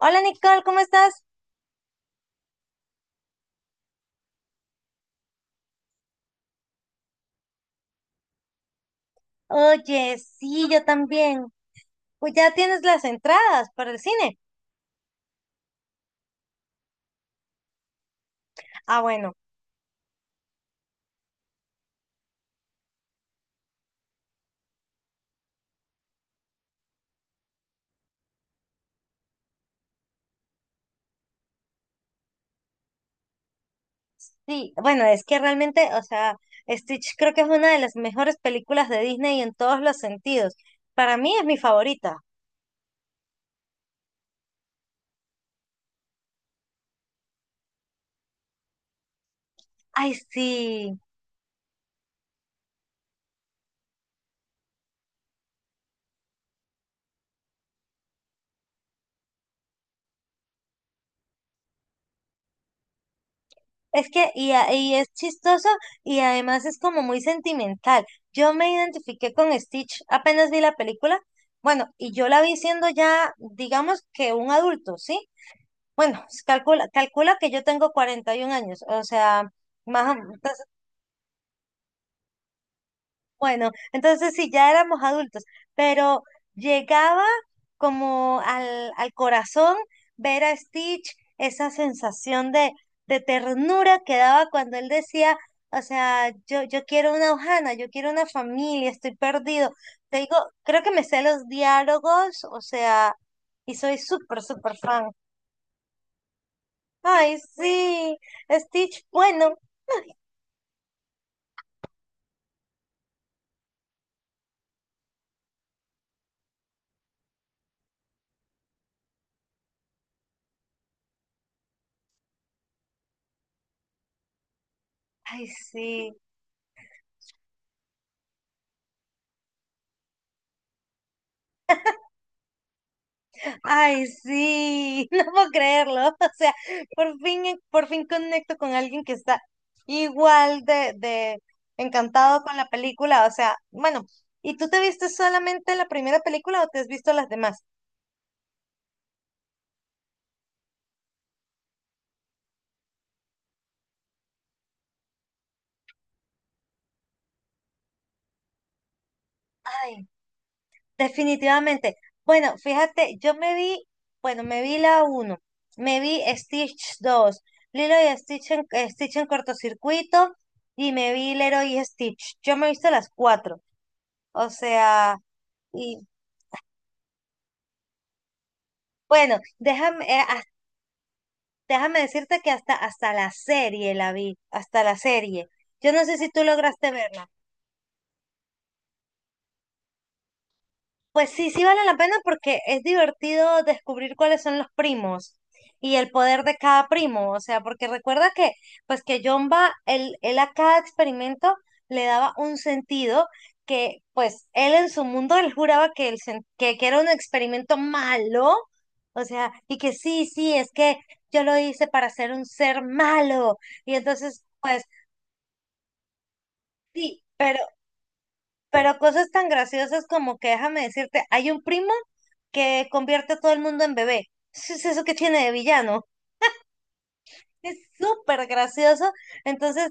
Hola Nicole, ¿cómo estás? Oye, sí, yo también. Pues ya tienes las entradas para el cine. Ah, bueno, sí, bueno, es que realmente, o sea, Stitch creo que es una de las mejores películas de Disney en todos los sentidos. Para mí es mi favorita. Ay, sí. Es que, y es chistoso y además es como muy sentimental. Yo me identifiqué con Stitch apenas vi la película. Bueno, y yo la vi siendo ya, digamos que un adulto, ¿sí? Bueno, calcula, calcula que yo tengo 41 años, o sea, más o menos, bueno, entonces sí, ya éramos adultos, pero llegaba como al corazón ver a Stitch, esa sensación de ternura que daba cuando él decía, o sea, yo quiero una Ohana, yo quiero una familia, estoy perdido. Te digo, creo que me sé los diálogos, o sea, y soy súper, súper fan. Ay, sí. Stitch, bueno, ay, sí, ay, sí, no puedo creerlo. O sea, por fin conecto con alguien que está igual de encantado con la película. O sea, bueno, ¿y tú te viste solamente la primera película o te has visto las demás? Ay, definitivamente. Bueno, fíjate, yo me vi, bueno, me vi la uno, me vi Stitch dos, Lilo y Stitch en, Stitch en cortocircuito y me vi Leroy y Stitch. Yo me he visto las cuatro. O sea, y bueno, déjame, déjame decirte que hasta, hasta la serie la vi, hasta la serie. Yo no sé si tú lograste verla. Pues sí, sí vale la pena porque es divertido descubrir cuáles son los primos y el poder de cada primo. O sea, porque recuerda que, pues que Jomba, él a cada experimento le daba un sentido que, pues, él en su mundo, él juraba que, que era un experimento malo. O sea, y que sí, sí, es que yo lo hice para ser un ser malo. Y entonces, pues, sí, pero cosas tan graciosas como que déjame decirte, hay un primo que convierte a todo el mundo en bebé. Eso es eso que tiene de villano. Es súper gracioso. Entonces,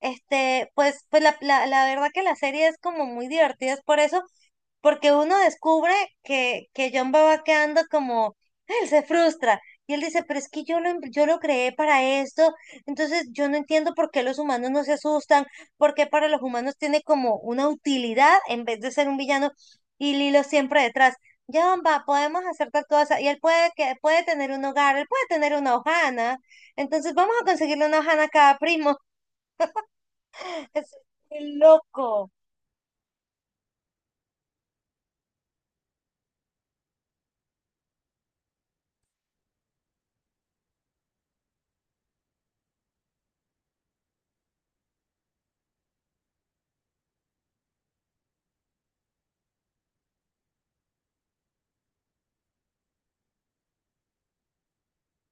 este, pues, pues la verdad que la serie es como muy divertida, es por eso, porque uno descubre que John va quedando como, él se frustra. Y él dice, pero es que yo lo creé para esto, entonces yo no entiendo por qué los humanos no se asustan, por qué para los humanos tiene como una utilidad en vez de ser un villano y Lilo siempre detrás. John va, podemos hacer tal cosa, y él puede, que, puede tener un hogar, él puede tener una hojana, entonces vamos a conseguirle una hojana a cada primo. Es muy loco.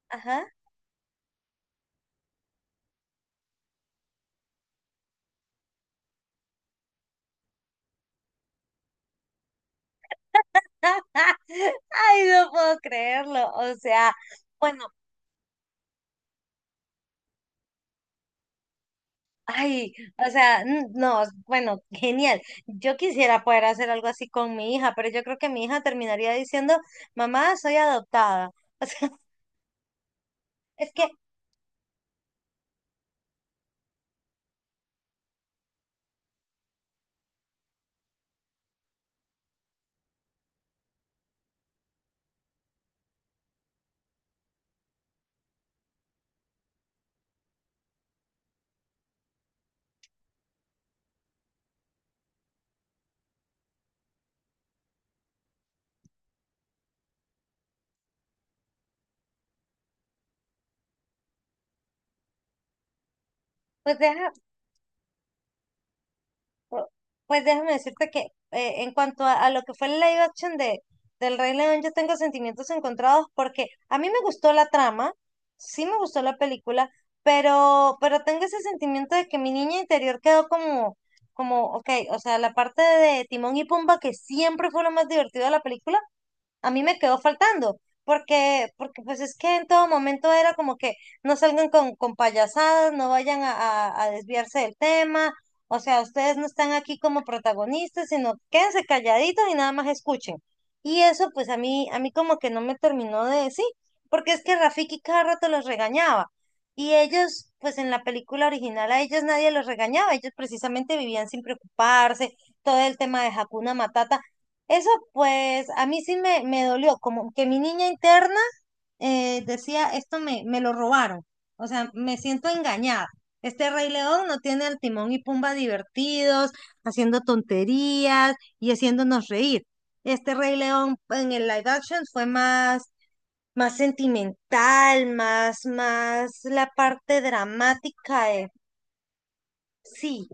Ajá. Ay, no puedo creerlo. O sea, bueno, ay, o sea, n- no, bueno, genial. Yo quisiera poder hacer algo así con mi hija, pero yo creo que mi hija terminaría diciendo, mamá, soy adoptada. O sea, es que, pues deja. Pu- Pues déjame decirte que en cuanto a lo que fue el live action de, del Rey León, yo tengo sentimientos encontrados porque a mí me gustó la trama, sí me gustó la película, pero tengo ese sentimiento de que mi niña interior quedó como, como, ok, o sea, la parte de Timón y Pumba que siempre fue lo más divertido de la película a mí me quedó faltando, porque, porque pues es que en todo momento era como que no salgan con payasadas, no vayan a desviarse del tema, o sea, ustedes no están aquí como protagonistas, sino quédense calladitos y nada más escuchen. Y eso pues a mí como que no me terminó de decir, porque es que Rafiki cada rato los regañaba. Y ellos, pues en la película original a ellos nadie los regañaba, ellos precisamente vivían sin preocuparse, todo el tema de Hakuna Matata. Eso pues a mí sí me dolió, como que mi niña interna decía, esto me, me lo robaron, o sea, me siento engañada. Este Rey León no tiene al Timón y Pumba divertidos, haciendo tonterías y haciéndonos reír. Este Rey León en el live action fue más, más sentimental, más, más la parte dramática. De- Sí,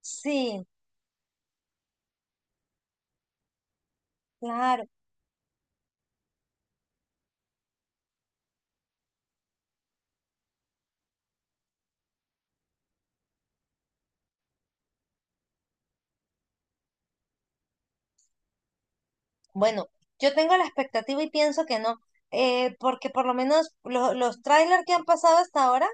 sí, claro. Bueno, yo tengo la expectativa y pienso que no, porque por lo menos lo- los trailers que han pasado hasta ahora,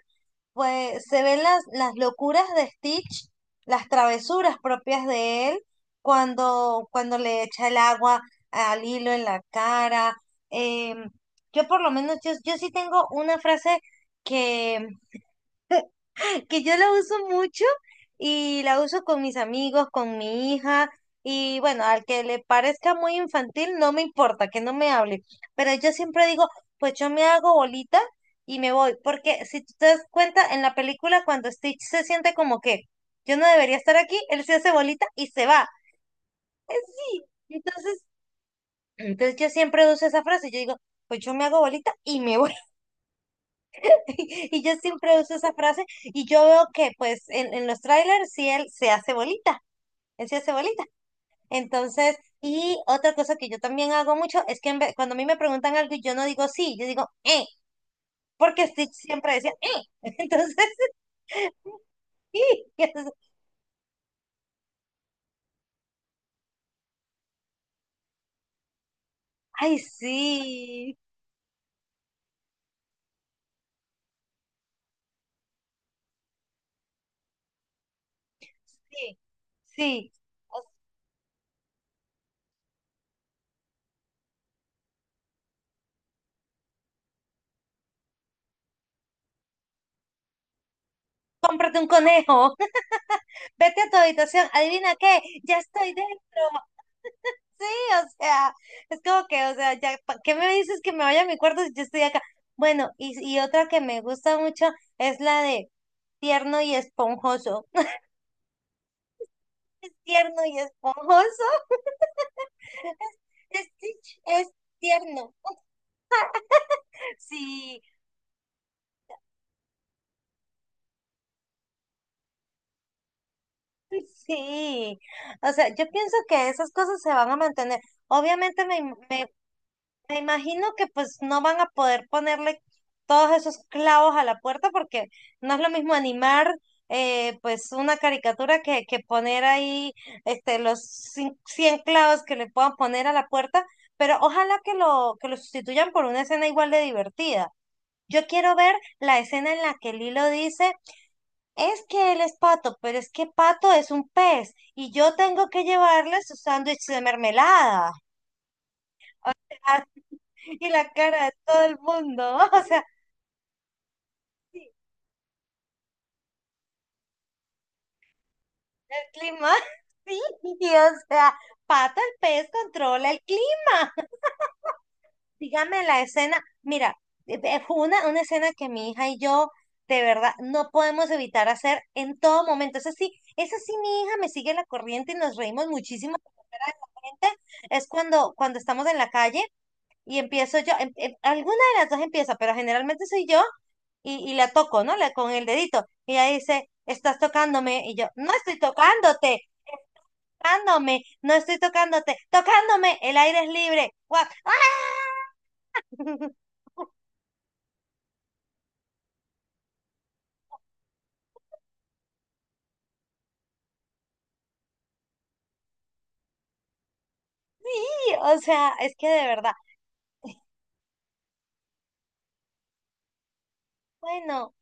pues se ven las locuras de Stitch, las travesuras propias de él, cuando, cuando le echa el agua al hilo en la cara. em, yo por lo menos, yo sí tengo una frase que yo la uso mucho y la uso con mis amigos, con mi hija. Y bueno, al que le parezca muy infantil, no me importa, que no me hable. Pero yo siempre digo, pues yo me hago bolita y me voy. Porque si tú te das cuenta, en la película cuando Stitch se siente como que yo no debería estar aquí, él se hace bolita y se va. Eh, Sí. Entonces, entonces yo siempre uso esa frase. Yo digo, pues yo me hago bolita y me voy. Y yo siempre uso esa frase y yo veo que pues en los trailers sí él se hace bolita, él se hace bolita. Entonces, y otra cosa que yo también hago mucho es que cuando a mí me preguntan algo y yo no digo sí, yo digo porque Stitch siempre decía. Entonces, sí, entonces, ay, sí, sí, sí. Cómprate un conejo, vete a tu habitación, adivina qué, ya estoy dentro. Sí, o sea, es como que, o sea, ya, ¿pa' qué me dices que me vaya a mi cuarto si yo estoy acá? Bueno, y otra que me gusta mucho es la de tierno y esponjoso. Es tierno y esponjoso, es, es, es tierno. Sí, sí. O sea, yo pienso que esas cosas se van a mantener. Obviamente me, im- me Me imagino que pues no van a poder ponerle todos esos clavos a la puerta porque no es lo mismo animar pues una caricatura que poner ahí este 100 clavos que le puedan poner a la puerta, pero ojalá que lo sustituyan por una escena igual de divertida. Yo quiero ver la escena en la que Lilo dice, es que él es pato, pero es que pato es un pez y yo tengo que llevarle su sándwich de mermelada. Y la cara de todo el mundo, o sea, el clima, sí, o sea, pato el pez controla el clima. Dígame la escena, mira, fue una escena que mi hija y yo, de verdad, no podemos evitar hacer en todo momento. Eso sí, mi hija me sigue la corriente y nos reímos muchísimo con la cara de la gente. Es cuando, cuando estamos en la calle y empiezo yo, alguna de las dos empieza, pero generalmente soy yo y la toco, ¿no? La, con el dedito. Y ella dice, estás tocándome. Y yo, no estoy tocándote, tocándome, no estoy tocándote, tocándome, el aire es libre. Guau. Sí, o sea, es que de verdad, bueno,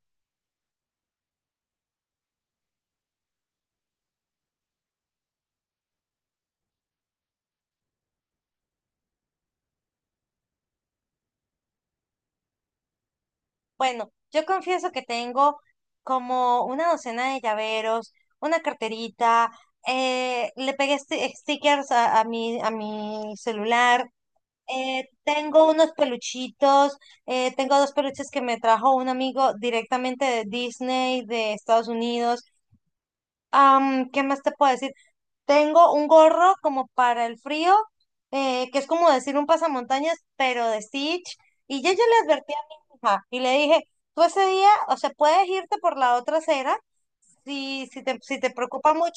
bueno, yo confieso que tengo como una docena de llaveros, una carterita, stickers a mi celular. Tengo unos peluchitos, tengo dos peluches que me trajo un amigo directamente de Disney, de Estados Unidos. Am, ¿qué más te puedo decir? Tengo un gorro como para el frío, que es como decir un pasamontañas, pero de Stitch. Y yo ya le advertí a mi hija y le dije, tú ese día, o sea, puedes irte por la otra acera si, si te, si te preocupa mucho,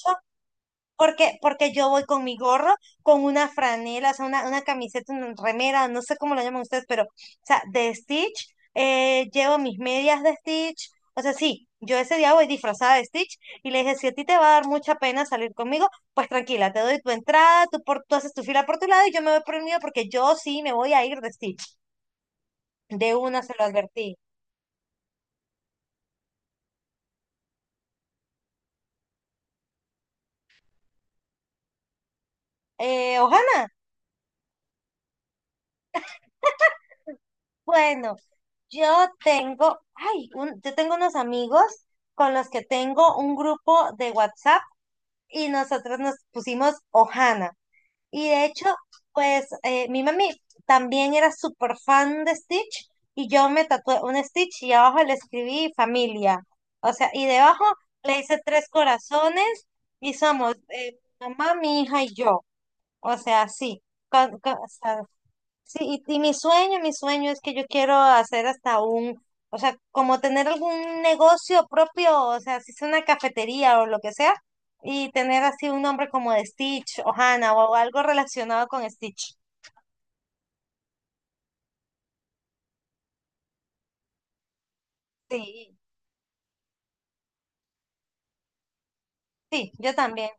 porque, porque yo voy con mi gorro, con una franela, o sea, una camiseta, una remera, no sé cómo lo llaman ustedes, pero, o sea, de Stitch, llevo mis medias de Stitch, o sea, sí, yo ese día voy disfrazada de Stitch y le dije, si a ti te va a dar mucha pena salir conmigo, pues tranquila, te doy tu entrada, tú, por, tú haces tu fila por tu lado y yo me voy por el mío porque yo sí me voy a ir de Stitch. De una se lo advertí. Ohana, bueno, yo tengo, ay, yo tengo unos amigos con los que tengo un grupo de WhatsApp y nosotros nos pusimos Ohana. Y de hecho, pues mi mami también era súper fan de Stitch y yo me tatué un Stitch y abajo le escribí familia. O sea, y debajo le hice tres corazones y somos mamá, mi hija y yo. O sea, sí. Con- o sea, sí, y mi sueño es que yo quiero hacer hasta un, o sea, como tener algún negocio propio, o sea, si es una cafetería o lo que sea, y tener así un nombre como de Stitch o Hannah o algo relacionado con Stitch. Sí, sí, yo también.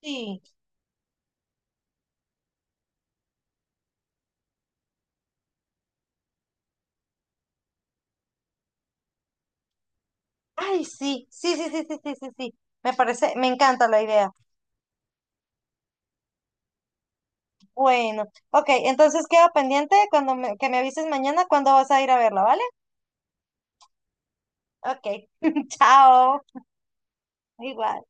Sí. Ay, sí, sí, sí, sí, sí, sí, sí, sí. Me parece, me encanta la idea. Bueno, ok, entonces queda pendiente cuando que me avises mañana cuándo vas a ir a verla, ¿vale? Ok, chao, igual.